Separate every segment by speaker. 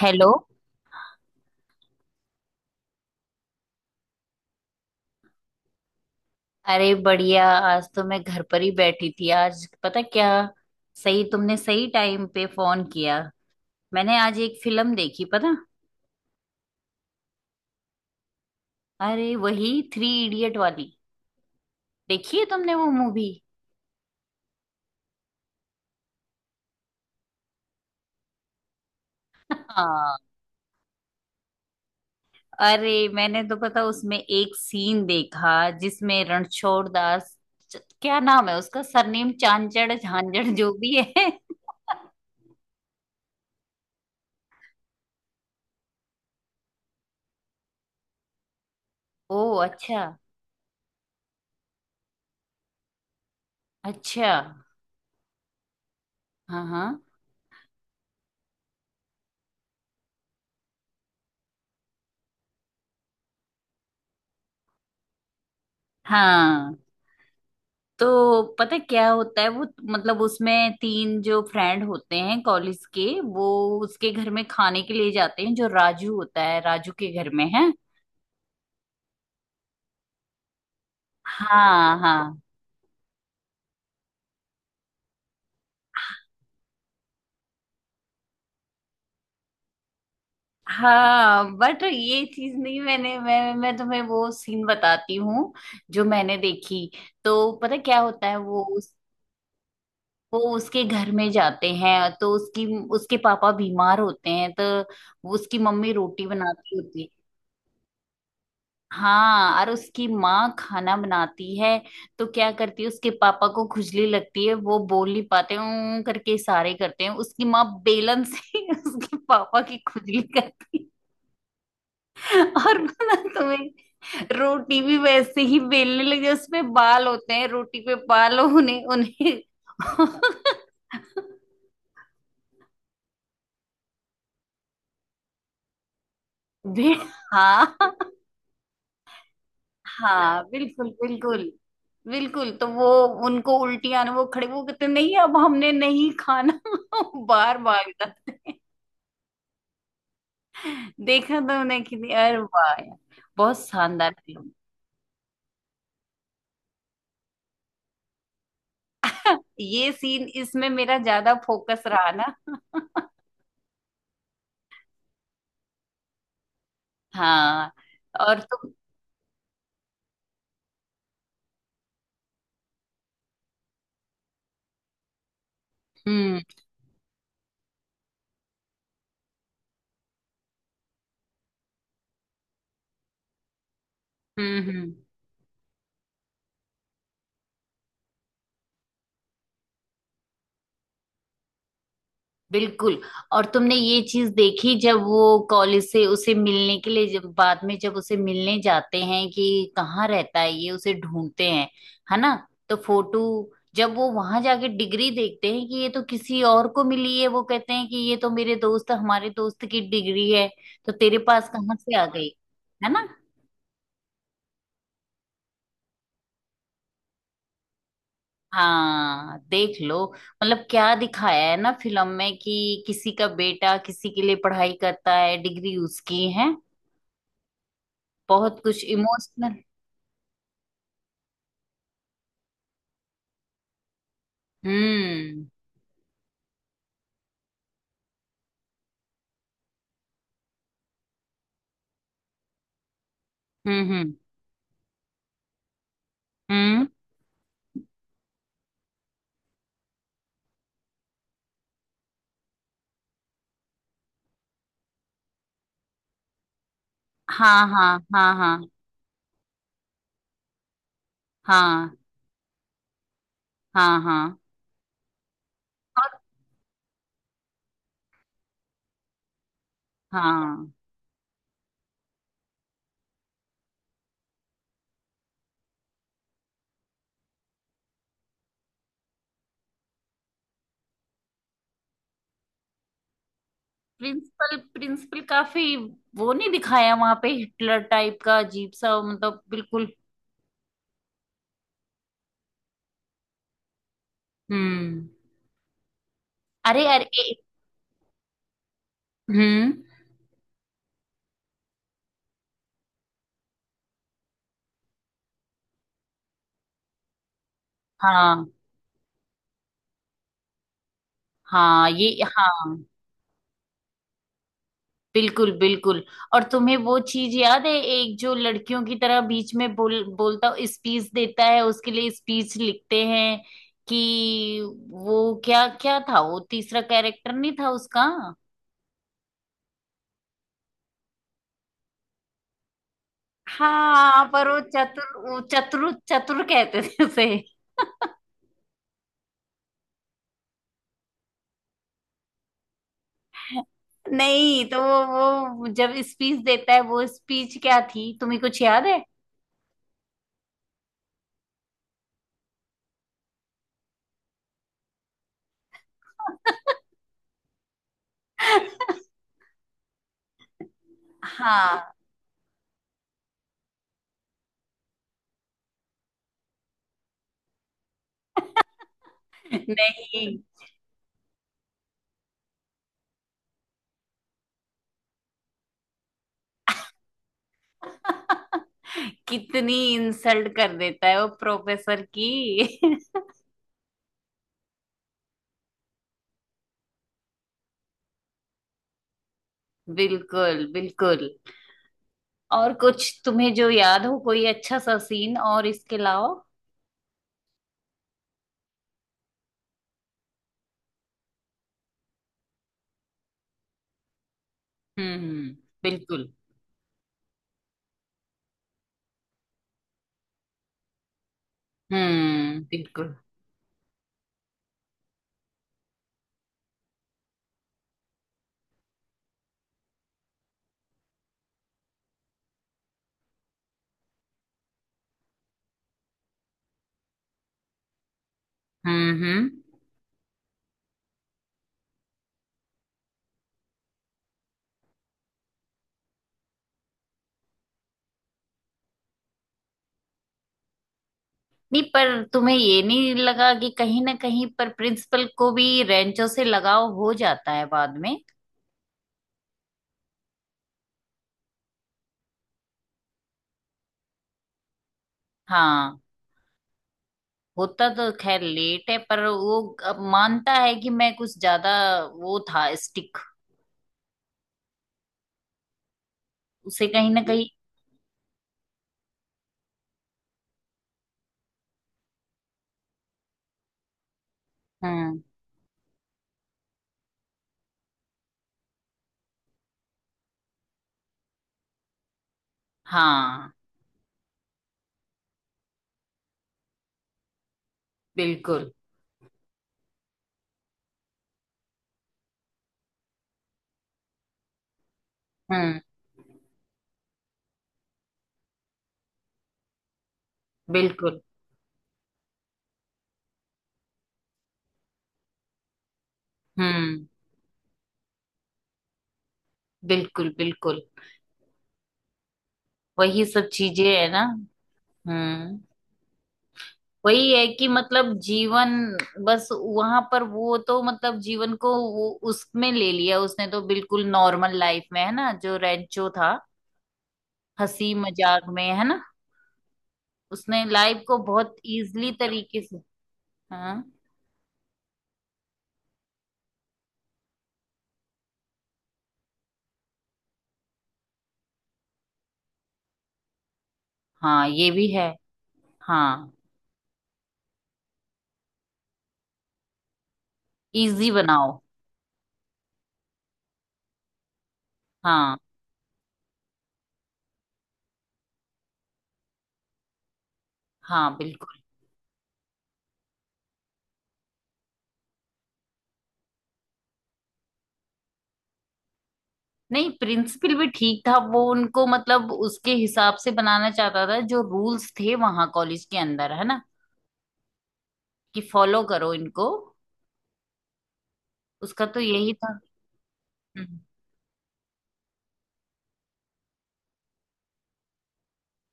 Speaker 1: Hello. अरे बढ़िया, आज तो मैं घर पर ही बैठी थी। आज पता क्या, सही, तुमने सही टाइम पे फोन किया। मैंने आज एक फिल्म देखी, पता, अरे वही थ्री इडियट वाली। देखी है तुमने वो मूवी? हाँ। अरे मैंने तो पता उसमें एक सीन देखा, जिसमें रणछोड़ दास, क्या नाम है उसका, सरनेम चांचड़ झांझड़ जो भी है। ओ, अच्छा, अच्छा। हाँ हाँ हाँ। तो पता है क्या होता है वो, मतलब उसमें तीन जो फ्रेंड होते हैं कॉलेज के, वो उसके घर में खाने के लिए जाते हैं, जो राजू होता है, राजू के घर में है। हाँ हाँ हाँ। बट ये चीज नहीं, मैं तुम्हें वो सीन बताती हूँ जो मैंने देखी। तो पता है क्या होता है वो? वो उसके घर में जाते हैं तो उसकी, उसके पापा बीमार होते हैं, तो वो, उसकी मम्मी रोटी बनाती होती है। हाँ, और उसकी माँ खाना बनाती है। तो क्या करती है, उसके पापा को खुजली लगती है, वो बोल नहीं पाते, ऊं करके इशारे करते हैं। उसकी माँ बेलन से उसके पापा की खुजली करती है। और बोला तुम्हें, रोटी भी वैसे ही बेलने लगे, उसमें बाल होते हैं, रोटी पे बाल, उन्हें उन्हें बे- हाँ हाँ, बिल्कुल बिल्कुल बिल्कुल। तो वो, उनको उल्टियाँ ना, वो खड़े, वो कहते नहीं अब हमने नहीं खाना बार बार जाते हैं। देखा था उन्हें कि अरे वाह यार, बहुत शानदार फिल्म। ये सीन इसमें मेरा ज्यादा फोकस रहा ना। हाँ। और तुम। हम्म हम्म हम्म बिल्कुल। और तुमने ये चीज देखी, जब वो कॉलेज से उसे मिलने के लिए, जब बाद में जब उसे मिलने जाते हैं कि कहाँ रहता है ये, उसे ढूंढते हैं, है ना। तो फोटो, जब वो वहां जाके डिग्री देखते हैं कि ये तो किसी और को मिली है, वो कहते हैं कि ये तो मेरे दोस्त, हमारे दोस्त की डिग्री है, तो तेरे पास कहाँ से आ गई, है ना। हाँ देख लो, मतलब क्या दिखाया है ना फिल्म में कि किसी का बेटा किसी के लिए पढ़ाई करता है, डिग्री उसकी है। बहुत कुछ इमोशनल। हम्म हम्म हम्म हम्म हाँ हाँ हाँ हाँ हाँ हाँ हाँ। और हाँ, प्रिंसिपल प्रिंसिपल काफी, वो नहीं दिखाया वहां पे हिटलर टाइप का अजीब सा, मतलब बिल्कुल। हम्म अरे अरे हम्म हाँ हाँ ये, हाँ बिल्कुल बिल्कुल। और तुम्हें वो चीज याद है, एक जो लड़कियों की तरह बीच में बोल बोलता, स्पीच देता है, उसके लिए स्पीच लिखते हैं कि, वो क्या क्या था, वो तीसरा कैरेक्टर नहीं था उसका? हाँ, पर वो चतुर, वो चतुर चतुर कहते थे उसे। नहीं तो वो वो जब स्पीच देता है, वो स्पीच क्या थी तुम्हें कुछ याद है? हाँ नहीं। कितनी इंसल्ट कर देता है वो प्रोफेसर की। बिल्कुल बिल्कुल। और कुछ तुम्हें जो याद हो कोई अच्छा सा सीन और, इसके लाओ। हम्म बिल्कुल। बिल्कुल। हम्म हम्म नहीं, पर तुम्हें ये नहीं लगा कि कहीं ना कहीं पर प्रिंसिपल को भी रेंचो से लगाव हो जाता है बाद में? हाँ होता, तो खैर लेट है, पर वो अब मानता है कि मैं कुछ ज्यादा, वो था स्टिक, उसे कहीं ना कहीं। हम्म हाँ। बिल्कुल। हम्म बिल्कुल। हम्म बिल्कुल बिल्कुल। वही सब चीजें है ना। हम्म वही है कि मतलब जीवन, बस वहां पर वो तो मतलब जीवन को वो उसमें ले लिया उसने, तो बिल्कुल नॉर्मल लाइफ में है ना जो रेंचो था, हंसी मजाक में है ना, उसने लाइफ को बहुत इजीली तरीके से। हाँ, हाँ ये भी है। हाँ। इजी बनाओ। हाँ। हाँ बिल्कुल। नहीं, प्रिंसिपल भी ठीक था। वो उनको मतलब उसके हिसाब से बनाना चाहता था, जो रूल्स थे वहां कॉलेज के अंदर है ना, कि फॉलो करो इनको। उसका तो यही था। हम्म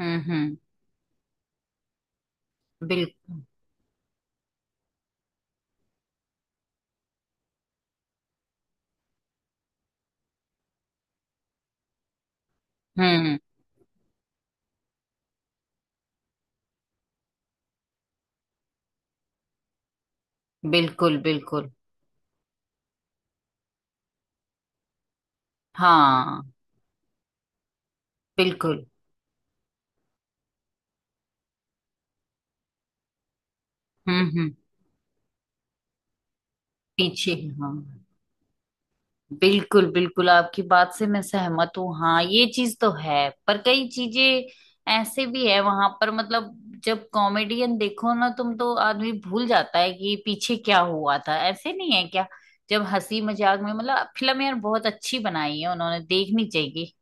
Speaker 1: हम्म हम्म, बिल्कुल। हम्म बिल्कुल बिल्कुल। हाँ बिल्कुल। हम्म हम्म पीछे, हाँ। बिल्कुल बिल्कुल, आपकी बात से मैं सहमत हूँ। हाँ ये चीज तो है, पर कई चीजें ऐसे भी है वहां पर, मतलब जब कॉमेडियन देखो ना तुम, तो आदमी भूल जाता है कि पीछे क्या हुआ था, ऐसे नहीं है क्या। जब हंसी मजाक में, मतलब फिल्म यार बहुत अच्छी बनाई है उन्होंने, देखनी चाहिए,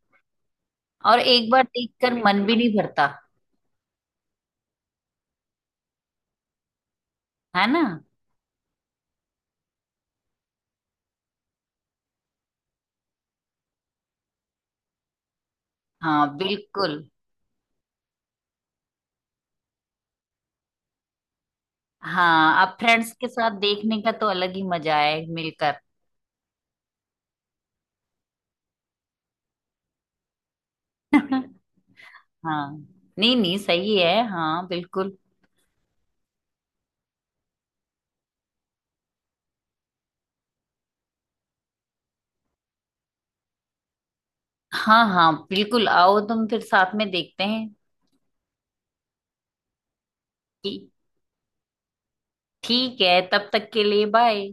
Speaker 1: और एक बार देखकर मन भी नहीं भरता, है ना। हाँ बिल्कुल। हाँ, आप फ्रेंड्स के साथ देखने का तो अलग ही मजा है मिलकर। हाँ, नहीं नहीं, सही है हाँ, बिल्कुल। हाँ हाँ बिल्कुल, आओ, तुम फिर साथ में देखते हैं कि। ठीक है, तब तक के लिए बाय।